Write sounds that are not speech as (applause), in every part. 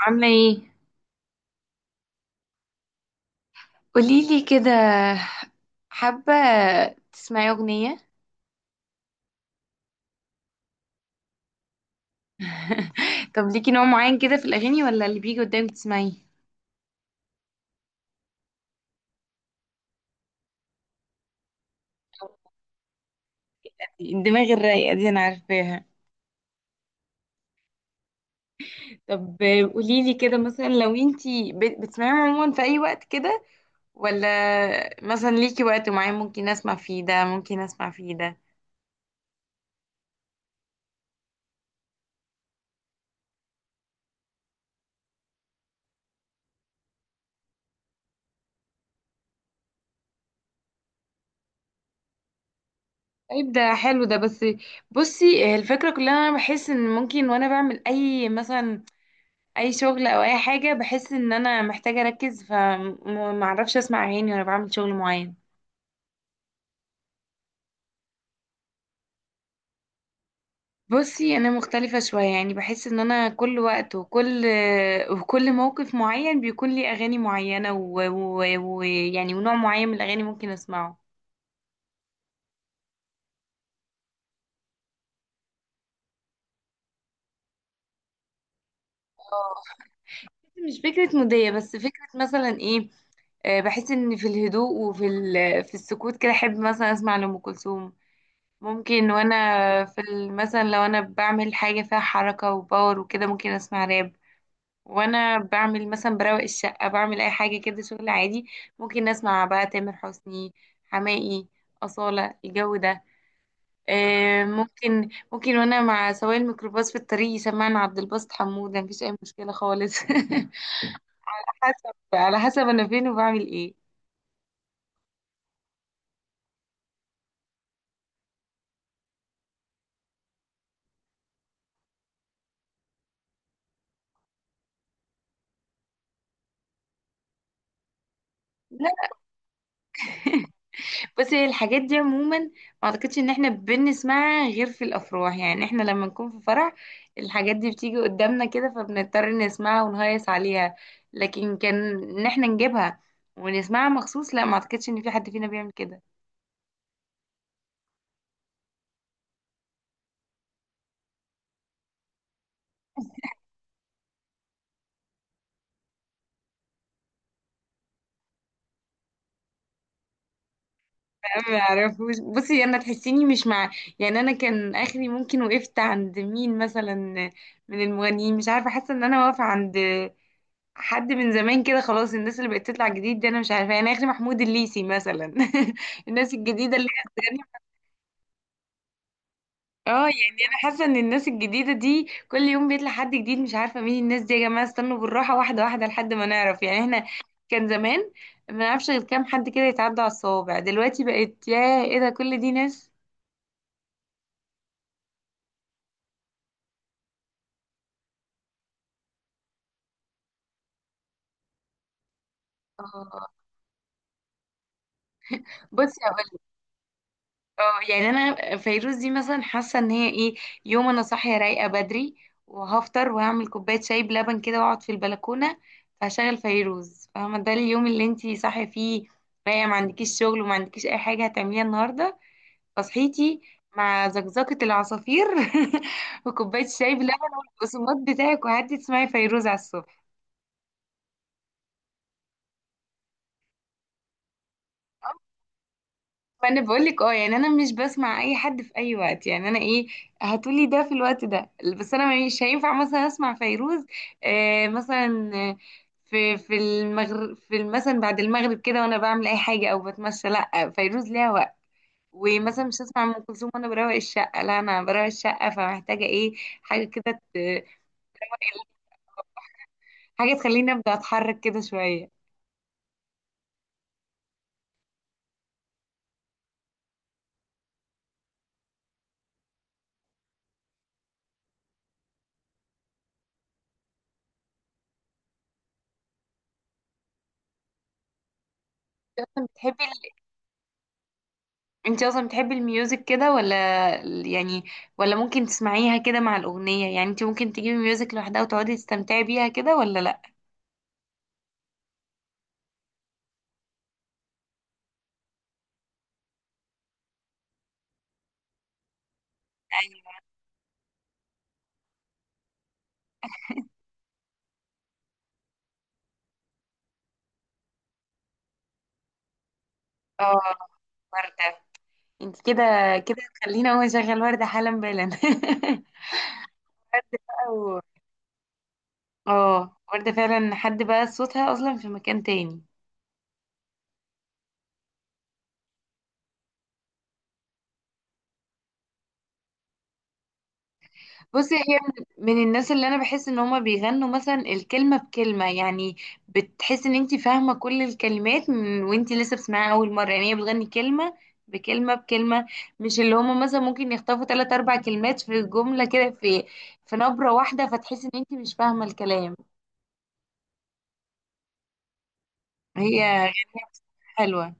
عاملة ايه؟ قوليلي كده. حابة تسمعي أغنية؟ طب ليكي نوع معين كده في الأغاني، ولا اللي بيجي قدامك تسمعيه؟ الدماغ الرايقة دي أنا عارفاها. طب قوليلي كده، مثلا لو انتي بتسمعيهم عموما في أي وقت كده، ولا مثلا ليكي وقت معين ممكن أسمع فيه ده، ممكن أسمع فيه ده. طيب ده حلو ده، بس بصي الفكرة كلها، أنا بحس إن ممكن وأنا بعمل أي مثلا، اي شغل او اي حاجه، بحس ان انا محتاجه اركز فمعرفش اسمع اغاني وانا بعمل شغل معين. بصي انا مختلفه شويه، يعني بحس ان انا كل وقت وكل (laughs) وكل موقف معين بيكون لي اغاني معينه، ويعني يعني ونوع معين من الاغاني ممكن اسمعه. آه، مش فكره موديه، بس فكره مثلا ايه. آه، بحس ان في الهدوء، في السكوت كده احب مثلا اسمع لأم كلثوم. ممكن وانا في مثلا لو انا بعمل حاجة فيها حركة وباور وكده، ممكن اسمع راب. وانا بعمل مثلا بروق الشقة، بعمل اي حاجة كده شغل عادي، ممكن اسمع بقى تامر حسني، حماقي، أصالة، الجو ده. آه، ممكن وانا مع سواق الميكروباص في الطريق يسمعني عبد الباسط حمود، مفيش اي مشكلة خالص. (laughs) حسب، على حسب انا فين وبعمل ايه. لا، بصي الحاجات دي عموما ما اعتقدش ان احنا بنسمعها غير في الافراح، يعني احنا لما نكون في فرح الحاجات دي بتيجي قدامنا كده، فبنضطر نسمعها ونهيص عليها. لكن كان ان احنا نجيبها ونسمعها مخصوص، لا، ما اعتقدش ان في حد فينا بيعمل كده. ما اعرفوش. بصي انا تحسيني مش مع، يعني انا كان اخري ممكن وقفت عند مين مثلا من المغنيين، مش عارفه، حاسه ان انا واقفه عند حد من زمان كده خلاص. الناس اللي بقت تطلع جديد دي انا مش عارفه، يعني اخر محمود الليثي مثلا. (laughs) الناس الجديده اللي هي اه يعني انا حاسه ان الناس الجديده دي كل يوم بيطلع حد جديد، مش عارفه مين الناس دي. يا جماعه استنوا بالراحه، واحده واحده، لحد ما نعرف. يعني احنا كان زمان ما نعرفش غير كام حد كده يتعدى على الصوابع، دلوقتي بقت يا ايه ده، كل دي ناس. اه. بصي اه، يعني انا فيروز دي مثلا حاسه ان هي ايه، يوم انا صاحيه رايقه بدري وهفطر وهعمل كوبايه شاي بلبن كده واقعد في البلكونه، فهشغل فيروز. فاهمه، ده اليوم اللي انتي صاحيه فيه رايقه، ما عندكيش شغل وما عندكيش اي حاجه هتعمليها النهارده، فصحيتي مع زقزقه العصافير (laughs) وكوبايه شاي بلبن والبقسماط بتاعك، وقعدتي تسمعي فيروز على الصبح. وانا بقول لك اه، يعني انا مش بسمع اي حد في اي وقت. يعني انا ايه، هتقولي ده في الوقت ده، بس انا مش هينفع مثلا اسمع فيروز مثلا في المغرب، في مثلا بعد المغرب كده وانا بعمل اي حاجه او بتمشى، لا فيروز ليها وقت. ومثلا مش هسمع ام كلثوم وانا بروق الشقه، لا انا بروق الشقه فمحتاجه ايه، حاجه كده حاجه تخليني ابدا اتحرك كده شويه. بتحبي، انت اصلا بتحبي الميوزك كده، ولا يعني، ولا ممكن تسمعيها كده مع الاغنيه؟ يعني انت ممكن تجيبي ميوزك لوحدها وتقعدي تستمتعي بيها كده، ولا لا؟ اه ورده. انت كده، خلينا هو شغال ورده حالا بالا. (laughs) ورده بقى اه ورده فعلا، حد بقى صوتها اصلا في مكان تاني. بصي هي من من الناس اللي انا بحس ان هما بيغنوا مثلا الكلمه بكلمه، يعني بتحس ان انت فاهمه كل الكلمات من وانت لسه بتسمعيها اول مره. يعني هي بتغني كلمه بكلمه بكلمه، مش اللي هما مثلا ممكن يخطفوا ثلاث اربع كلمات في جمله كده، في نبره واحده فتحس ان انت مش فاهمه الكلام. هي غنيه حلوه.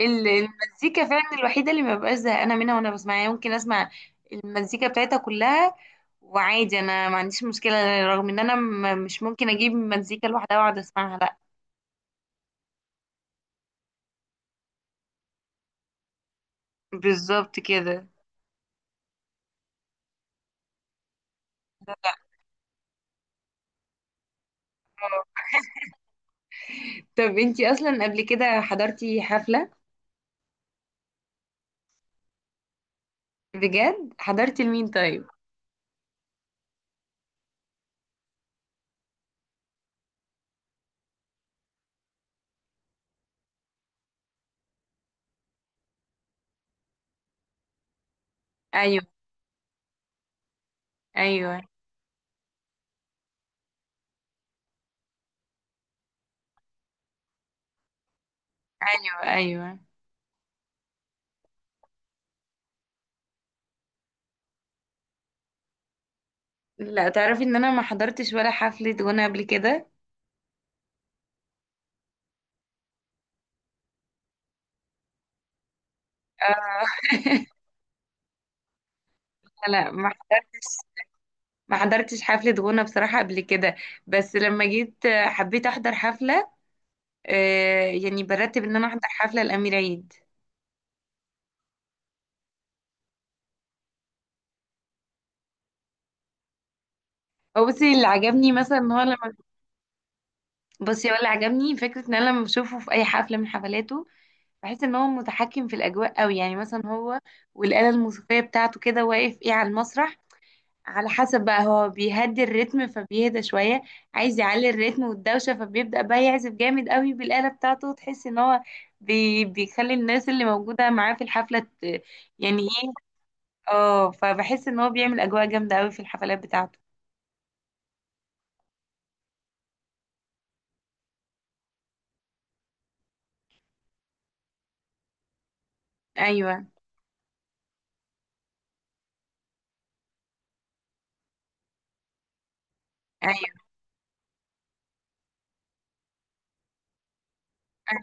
المزيكا فعلا الوحيدة اللي ما ببقاش زهقانة منها وانا بسمعها، يعني ممكن اسمع المزيكا بتاعتها كلها وعادي، انا ما عنديش مشكلة، رغم ان انا مش ممكن اجيب مزيكا لوحدها واقعد اسمعها، لا. بالظبط كده. لا لا. طب انتي اصلا قبل كده حضرتي حفلة؟ بجد حضرتي لمين طيب؟ ايوه، ايوه، ايوه، ايوه. لا، تعرفي ان انا ما حضرتش ولا حفلة وانا قبل كده. آه. (laughs) لا ما حضرتش، ما حضرتش حفلة غنى بصراحة قبل كده، بس لما جيت حبيت أحضر حفلة، آه، يعني برتب إن أنا أحضر حفلة لأمير عيد. هو بصي اللي عجبني مثلا إن هو لما، بصي هو اللي عجبني فكرة إن أنا لما بشوفه في أي حفلة من حفلاته بحس إن هو متحكم في الأجواء أوي، يعني مثلا هو والآلة الموسيقية بتاعته كده واقف إيه على المسرح. على حسب بقى هو بيهدي الريتم فبيهدى شوية، عايز يعلي الريتم والدوشة فبيبدأ بقى يعزف جامد قوي بالآلة بتاعته، وتحس ان هو بيخلي الناس اللي موجودة معاه في الحفلة يعني ايه، اه، فبحس ان هو بيعمل أجواء جامدة قوي في الحفلات بتاعته. ايوه، ايوه. انا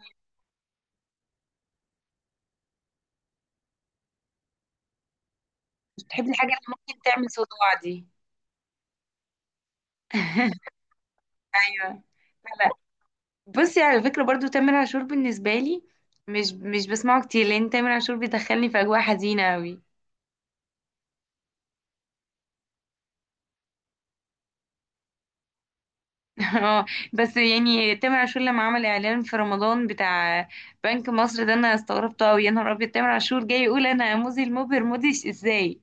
مش بحب الحاجة اللي ممكن تعمل صداع دي. (laughs) ايوه، لا لا. بصي على فكرة برضو تامر عاشور بالنسبة لي مش بسمعه كتير، لان تامر عاشور بيدخلني في أجواء حزينة قوي. (laughs) اه، بس يعني تامر عاشور لما عمل اعلان في رمضان بتاع بنك مصر ده، انا استغربته قوي. يا نهار ابيض، تامر عاشور جاي يقول انا موزي المبهر موديش ازاي!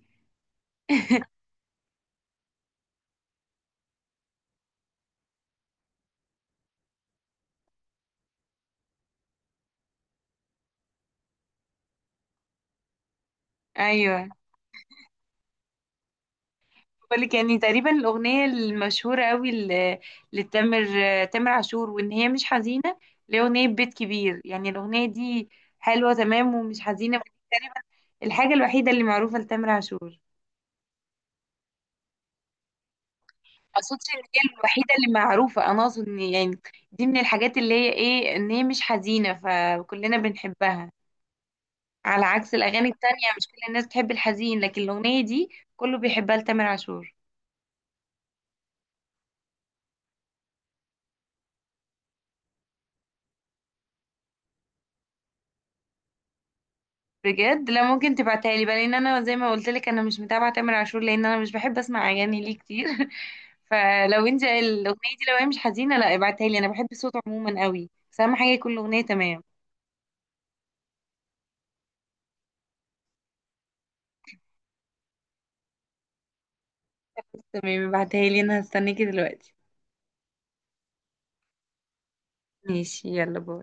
ايوه. بالك، يعني تقريبا الاغنيه المشهوره قوي ل- لتامر تامر عاشور وان هي مش حزينه، اللي هي اغنيه بيت كبير، يعني الاغنيه دي حلوه تمام ومش حزينه. تقريبا الحاجه الوحيده اللي معروفه لتامر عاشور. اقصدش ان هي الوحيده اللي معروفه، انا اقصد ان يعني دي من الحاجات اللي هي ايه، ان هي مش حزينه فكلنا بنحبها على عكس الاغاني التانية. مش كل الناس بتحب الحزين، لكن الاغنيه دي كله بيحبها لتامر عاشور. بجد؟ لا ممكن تبعتها لي بقى، لان انا زي ما قلت لك انا مش متابعه تامر عاشور، لان انا مش بحب اسمع اغاني ليه كتير. (laughs) فلو انت الاغنيه دي لو هي مش حزينه، لا ابعتها لي، انا بحب صوته عموما قوي، بس اهم حاجه يكون الاغنيه تمام. تمام ابعتها لي، انا هستناكي دلوقتي. ماشي، يلا باي.